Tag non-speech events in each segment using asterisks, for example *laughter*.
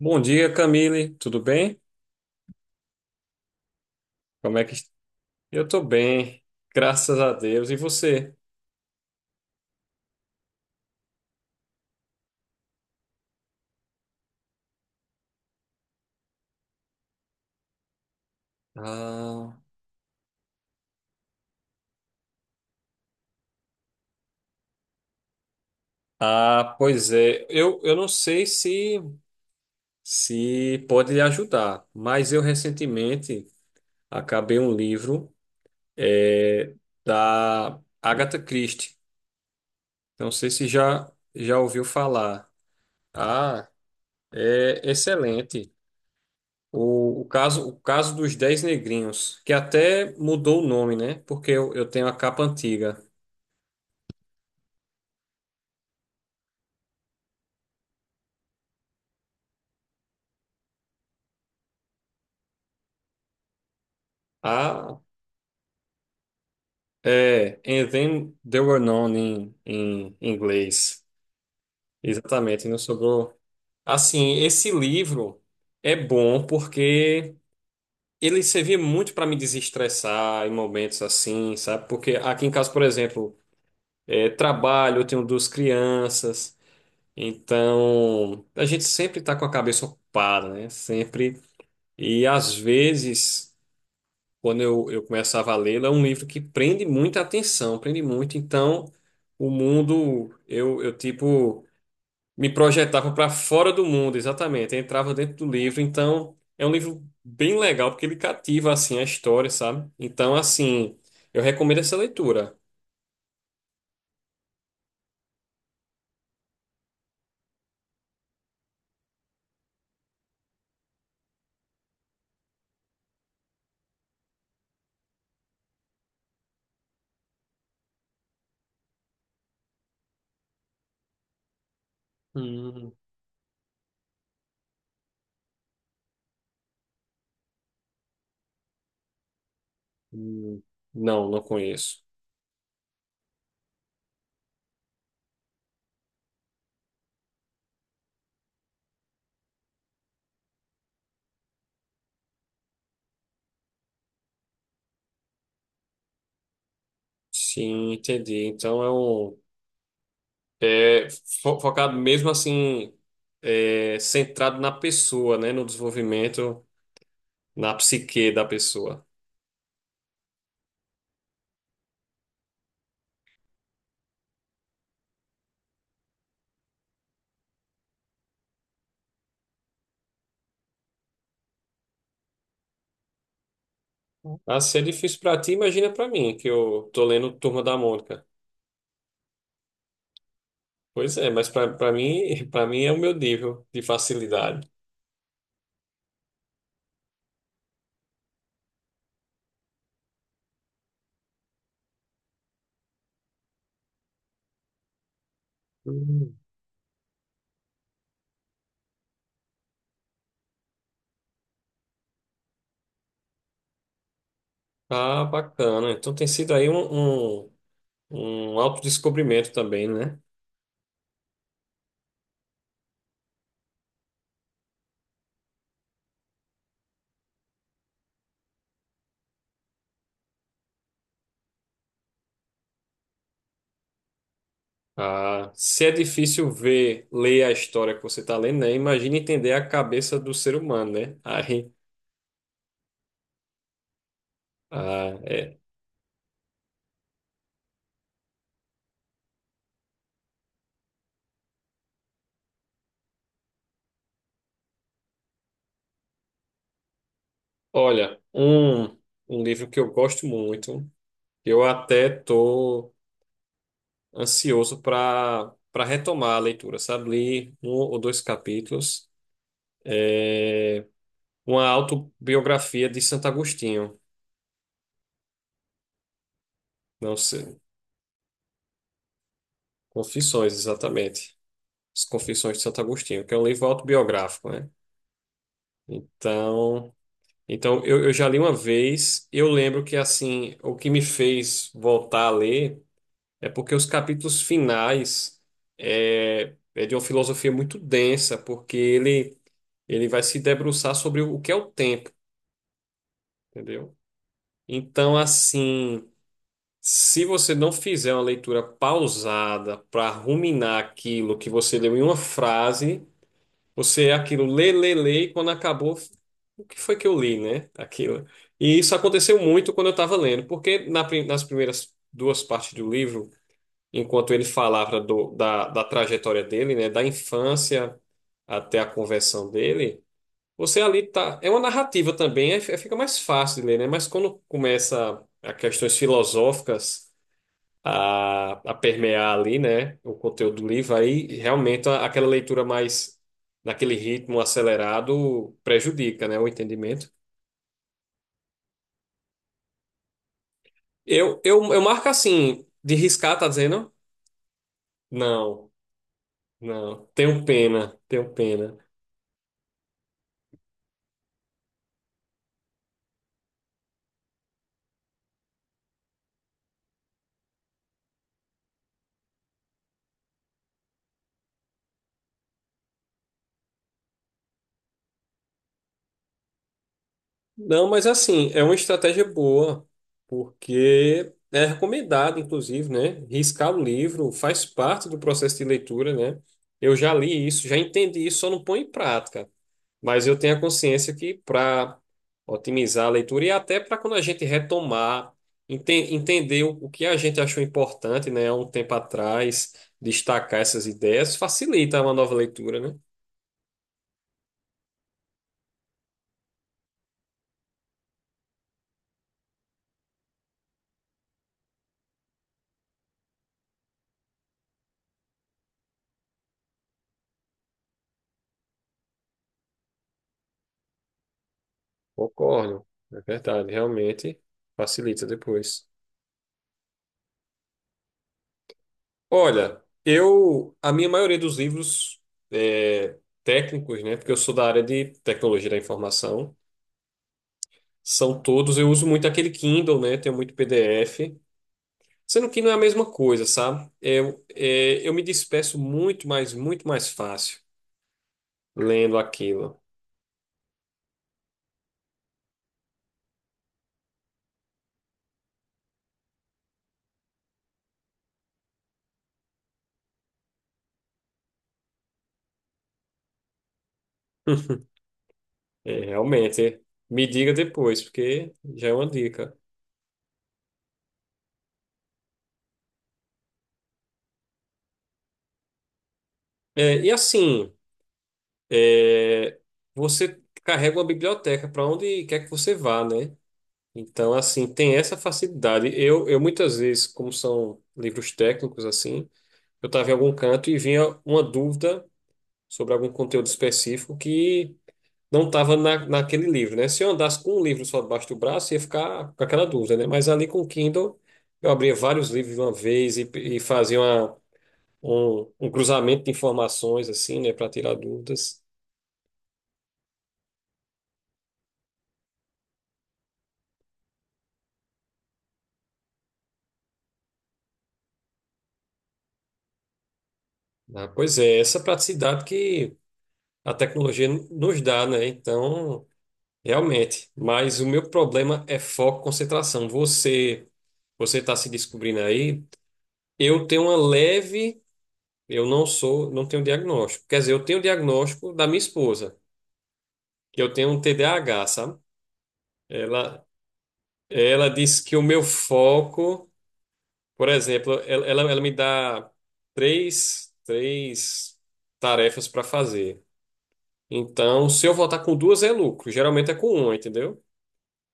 Bom dia, Camille. Tudo bem? Como é que... Eu tô bem, graças a Deus. E você? Ah, pois é. Eu não sei se pode lhe ajudar, mas eu recentemente acabei um livro eh, da Agatha Christie. Não sei se já ouviu falar. Ah, é excelente. O caso dos Dez Negrinhos, que até mudou o nome, né? Porque eu tenho a capa antiga. Ah, é. And then they were known em inglês. Exatamente, não sobrou. Assim, esse livro é bom porque ele servia muito para me desestressar em momentos assim, sabe? Porque aqui em casa, por exemplo, trabalho, eu tenho duas crianças, então a gente sempre está com a cabeça ocupada, né? Sempre. E às vezes. Quando eu começava a lê-lo, é um livro que prende muita atenção, prende muito. Então, o mundo, me projetava para fora do mundo, exatamente. Eu entrava dentro do livro. Então, é um livro bem legal, porque ele cativa, assim, a história, sabe? Então, assim, eu recomendo essa leitura. Hum, hum. Não, não conheço. Sim, entendi. Então, é um... É focado mesmo, assim, centrado na pessoa, né? No desenvolvimento. Na psique da pessoa. Ah, se é difícil pra ti, imagina pra mim, que eu tô lendo Turma da Mônica. Pois é, mas pra mim, *laughs* para mim é o meu nível de facilidade. Hum. Ah, bacana. Então tem sido aí um autodescobrimento também, né? Ah, se é difícil ver, ler a história que você está lendo, né? Imagina entender a cabeça do ser humano, né? Aí, ah, é. Olha, um livro que eu gosto muito, eu até tô ansioso para retomar a leitura, sabe? Li um ou dois capítulos, uma autobiografia de Santo Agostinho, não sei, Confissões, exatamente. As Confissões de Santo Agostinho, que é um livro autobiográfico, né? Então, então eu já li uma vez, eu lembro que assim, o que me fez voltar a ler é porque os capítulos finais é de uma filosofia muito densa, porque ele vai se debruçar sobre o que é o tempo, entendeu? Então, assim, se você não fizer uma leitura pausada para ruminar aquilo que você leu em uma frase, você é aquilo lê, lê, lê, e quando acabou, o que foi que eu li, né? Aquilo. E isso aconteceu muito quando eu estava lendo, porque nas primeiras duas partes do livro, enquanto ele falava da trajetória dele, né, da infância até a conversão dele. Você ali tá. É uma narrativa também, fica mais fácil de ler, né? Mas quando começa a questões filosóficas a permear ali, né? O conteúdo do livro, aí realmente aquela leitura mais naquele ritmo acelerado prejudica, né? O entendimento. Eu marco assim, de riscar, tá dizendo? Não, não. Tenho pena, tenho pena. Não, mas assim, é uma estratégia boa, porque é recomendado, inclusive, né? Riscar o livro faz parte do processo de leitura, né? Eu já li isso, já entendi isso, só não põe em prática. Mas eu tenho a consciência que para otimizar a leitura e até para quando a gente retomar, entender o que a gente achou importante, né, há um tempo atrás, destacar essas ideias, facilita uma nova leitura, né? Concordo, é verdade, realmente facilita depois. Olha, eu, a minha maioria dos livros é, técnicos, né, porque eu sou da área de tecnologia da informação, são todos, eu uso muito aquele Kindle, né, tenho muito PDF, sendo que não é a mesma coisa, sabe? Eu me disperso muito mais fácil lendo aquilo. *laughs* É, realmente, me diga depois, porque já é uma dica. É, e assim, é, você carrega uma biblioteca para onde quer que você vá, né? Então, assim, tem essa facilidade. Eu muitas vezes, como são livros técnicos, assim, eu estava em algum canto e vinha uma dúvida sobre algum conteúdo específico que não estava naquele livro, né? Se eu andasse com um livro só debaixo do braço, ia ficar com aquela dúvida, né? Mas ali com o Kindle, eu abria vários livros de uma vez e fazia um cruzamento de informações, assim, né, para tirar dúvidas. Ah, pois é, essa praticidade que a tecnologia nos dá, né? Então. Realmente, mas o meu problema é foco, concentração. Você, você está se descobrindo aí. Eu tenho uma leve, eu não sou, não tenho diagnóstico. Quer dizer, eu tenho o diagnóstico da minha esposa, que eu tenho um TDAH, sabe? Ela, ela disse que o meu foco, por exemplo, ela me dá três tarefas para fazer. Então, se eu voltar com duas é lucro. Geralmente é com uma, entendeu?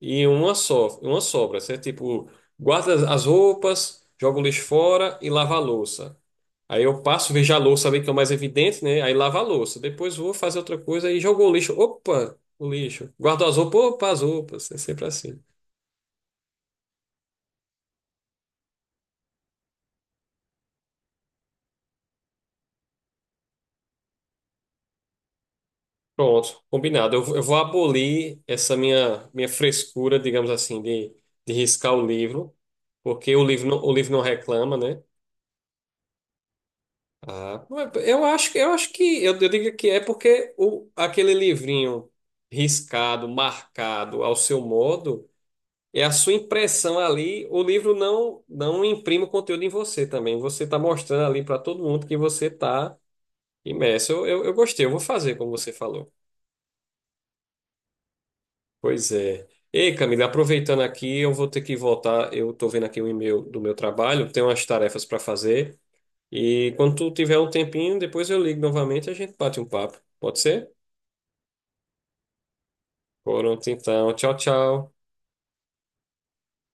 E uma só, uma sobra. Você, tipo, guarda as roupas, joga o lixo fora e lava a louça. Aí eu passo, vejo a louça ali que é o mais evidente, né? Aí lavo a louça. Depois vou fazer outra coisa e jogo o lixo. Opa, o lixo. Guardo as roupas, opa, as roupas. É sempre assim. Pronto, combinado. Eu vou abolir essa minha frescura, digamos assim, de riscar o livro, porque o livro não reclama, né? Ah, não é- eu eu acho que eu digo que é porque aquele livrinho riscado, marcado ao seu modo, é a sua impressão ali. O livro não imprime o conteúdo em você também. Você está mostrando ali para todo mundo que você está imerso. Eu gostei, eu vou fazer como você falou. Pois é. Ei, Camila, aproveitando aqui, eu vou ter que voltar. Eu estou vendo aqui o e-mail do meu trabalho, tenho umas tarefas para fazer. E quando tu tiver um tempinho, depois eu ligo novamente e a gente bate um papo. Pode ser? Por Pronto, então. Tchau, tchau.